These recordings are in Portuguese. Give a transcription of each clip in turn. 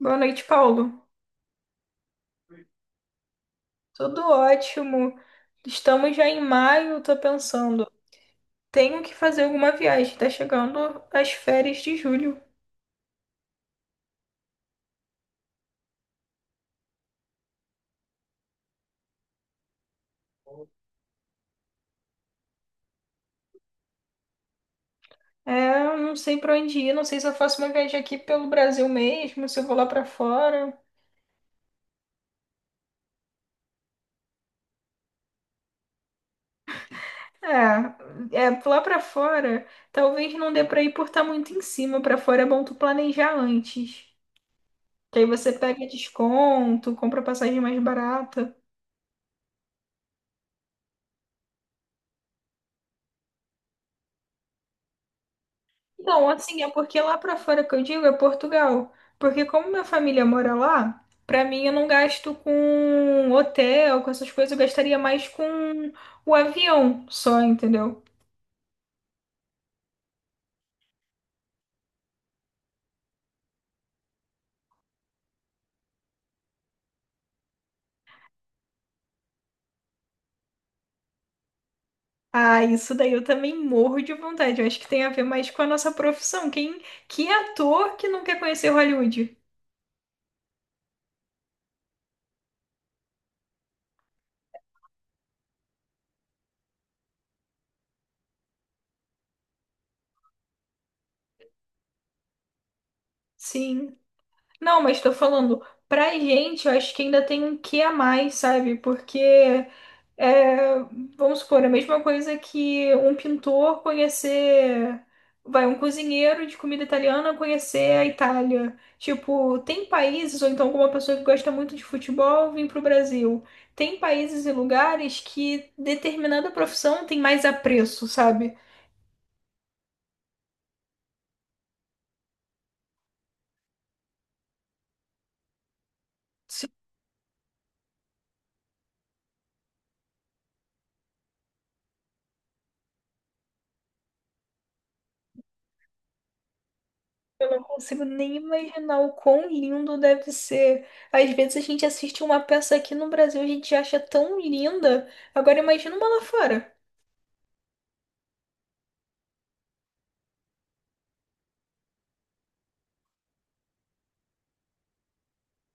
Boa noite, Paulo. Tudo ótimo. Estamos já em maio, tô pensando. Tenho que fazer alguma viagem. Tá chegando as férias de julho. É, eu não sei pra onde ir, não sei se eu faço uma viagem aqui pelo Brasil mesmo, se eu vou lá pra fora. Lá pra fora, talvez não dê pra ir por estar muito em cima. Pra fora é bom tu planejar antes. Que aí você pega desconto, compra passagem mais barata. Não, assim, é porque lá pra fora que eu digo é Portugal. Porque como minha família mora lá, pra mim eu não gasto com hotel, com essas coisas, eu gastaria mais com o avião só, entendeu? Ah, isso daí eu também morro de vontade. Eu acho que tem a ver mais com a nossa profissão. Que ator que não quer conhecer Hollywood? Sim. Não, mas tô falando, pra gente, eu acho que ainda tem um quê a mais, sabe? Porque É, vamos supor, a mesma coisa que um pintor conhecer, vai, um cozinheiro de comida italiana conhecer a Itália. Tipo, tem países, ou então alguma pessoa que gosta muito de futebol vir para o Brasil. Tem países e lugares que determinada profissão tem mais apreço, sabe? Sim. Eu não consigo nem imaginar o quão lindo deve ser. Às vezes a gente assiste uma peça aqui no Brasil, a gente acha tão linda. Agora imagina uma lá fora.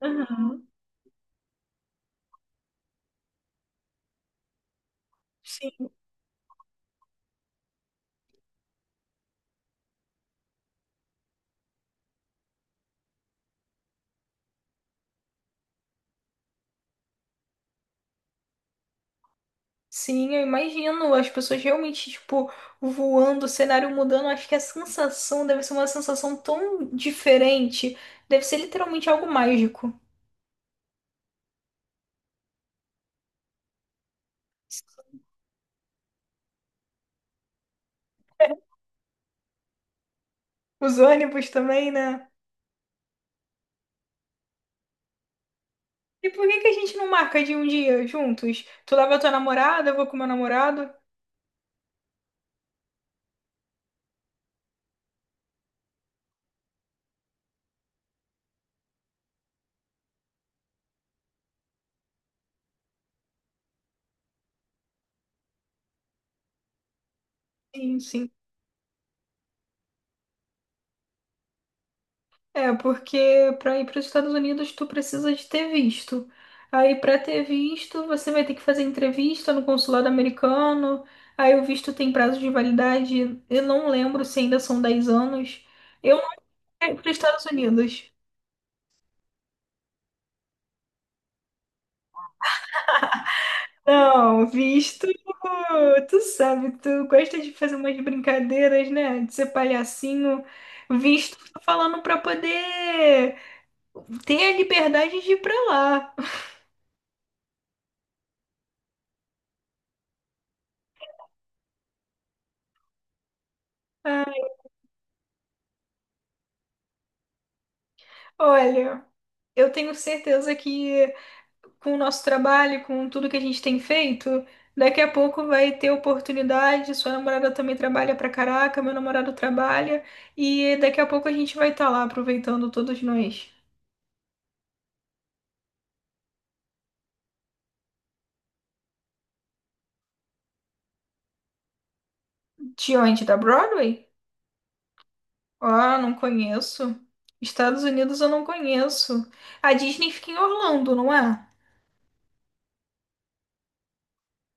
Uhum. Sim. Sim, eu imagino as pessoas realmente, tipo, voando, o cenário mudando. Acho que a sensação deve ser uma sensação tão diferente. Deve ser literalmente algo mágico. Os ônibus também, né? E por que que a gente não marca de um dia juntos? Tu leva tua namorada, eu vou com meu namorado. Sim, sim. É, porque para ir para os Estados Unidos tu precisa de ter visto. Aí para ter visto, você vai ter que fazer entrevista no consulado americano. Aí o visto tem prazo de validade. Eu não lembro se ainda são 10 anos. Eu não quero ir para os Estados Unidos. Não, visto, tu sabe, tu gosta de fazer umas brincadeiras, né? De ser palhacinho. Visto, tô falando para poder ter a liberdade de ir para lá. Olha. Eu tenho certeza que com o nosso trabalho, com tudo que a gente tem feito, daqui a pouco vai ter oportunidade. Sua namorada também trabalha pra caraca, meu namorado trabalha, e daqui a pouco a gente vai estar lá aproveitando todos nós. De onde? Da Broadway? Ah, não conheço. Estados Unidos eu não conheço. A Disney fica em Orlando, não é?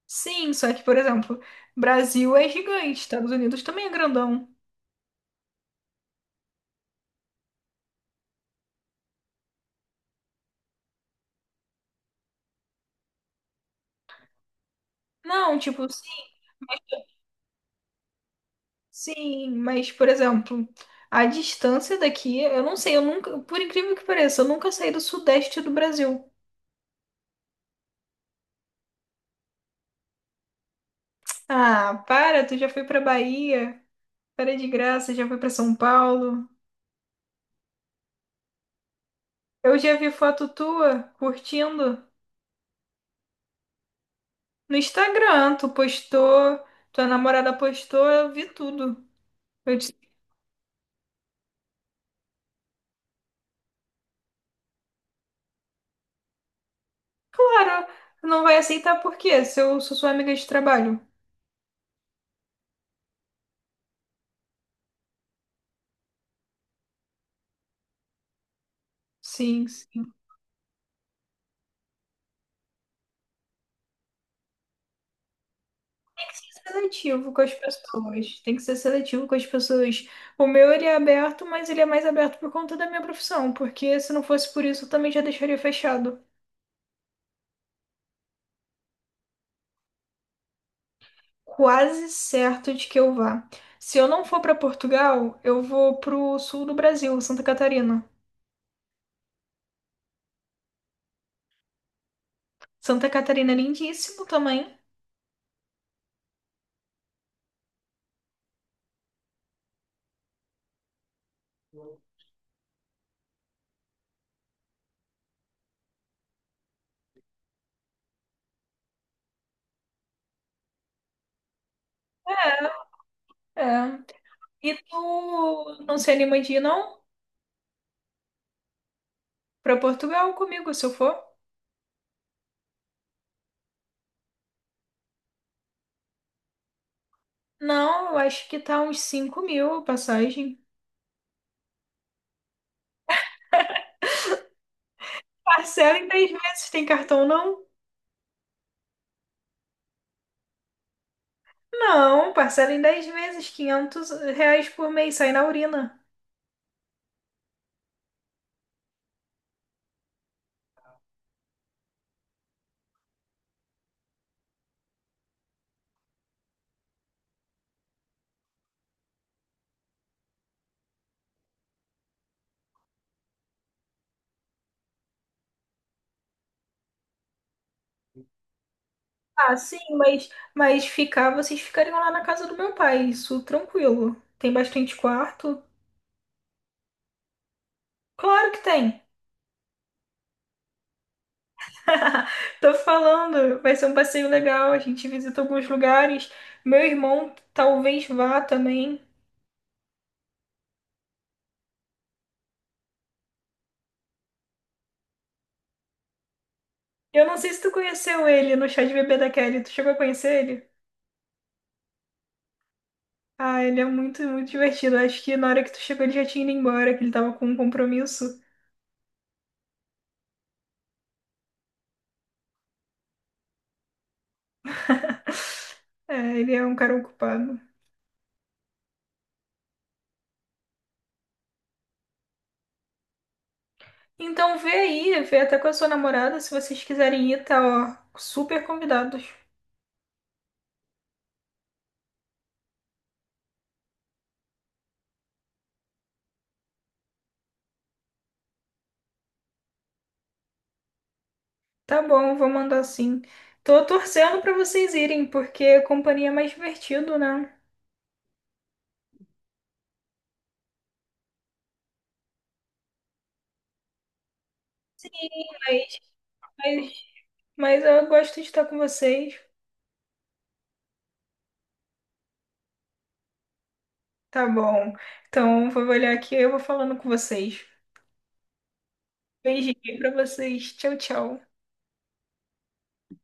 Sim, só que, por exemplo, Brasil é gigante, Estados Unidos também é grandão. Não, tipo, sim. Sim, mas, por exemplo, a distância daqui, eu não sei, eu nunca, por incrível que pareça, eu nunca saí do sudeste do Brasil. Ah, para, tu já foi pra Bahia, para de graça, já foi pra São Paulo. Eu já vi foto tua curtindo no Instagram, tu postou, tua namorada postou, eu vi tudo. Eu disse, para, não vai aceitar por quê? Se eu sou sua amiga de trabalho. Sim. Seletivo com as pessoas. Tem que ser seletivo com as pessoas. O meu ele é aberto, mas ele é mais aberto por conta da minha profissão, porque se não fosse por isso, eu também já deixaria fechado. Quase certo de que eu vá. Se eu não for para Portugal, eu vou pro sul do Brasil, Santa Catarina. Santa Catarina é lindíssimo também. É. E tu não se anima de ir, não? Pra Portugal comigo, se eu for? Não, eu acho que tá uns 5 mil a passagem. Parcela em 3 meses, tem cartão, não? Não, parcela em 10 vezes, 500 reais por mês, sai na urina. Ah, sim, mas ficar, vocês ficariam lá na casa do meu pai, isso tranquilo. Tem bastante quarto? Claro que tem. Tô falando, vai ser um passeio legal, a gente visita alguns lugares. Meu irmão talvez vá também. Eu não sei se tu conheceu ele no chá de bebê da Kelly, tu chegou a conhecer ele? Ah, ele é muito, muito divertido. Acho que na hora que tu chegou ele já tinha ido embora, que ele tava com um compromisso. É, ele é um cara ocupado. Então vê aí, vê até com a sua namorada, se vocês quiserem ir, tá, ó, super convidados. Tá bom, vou mandar sim. Tô torcendo pra vocês irem, porque companhia é mais divertido, né? Mas, mas, mas eu gosto de estar com vocês. Tá bom. Então vou olhar aqui, eu vou falando com vocês. Beijinho pra vocês. Tchau, tchau.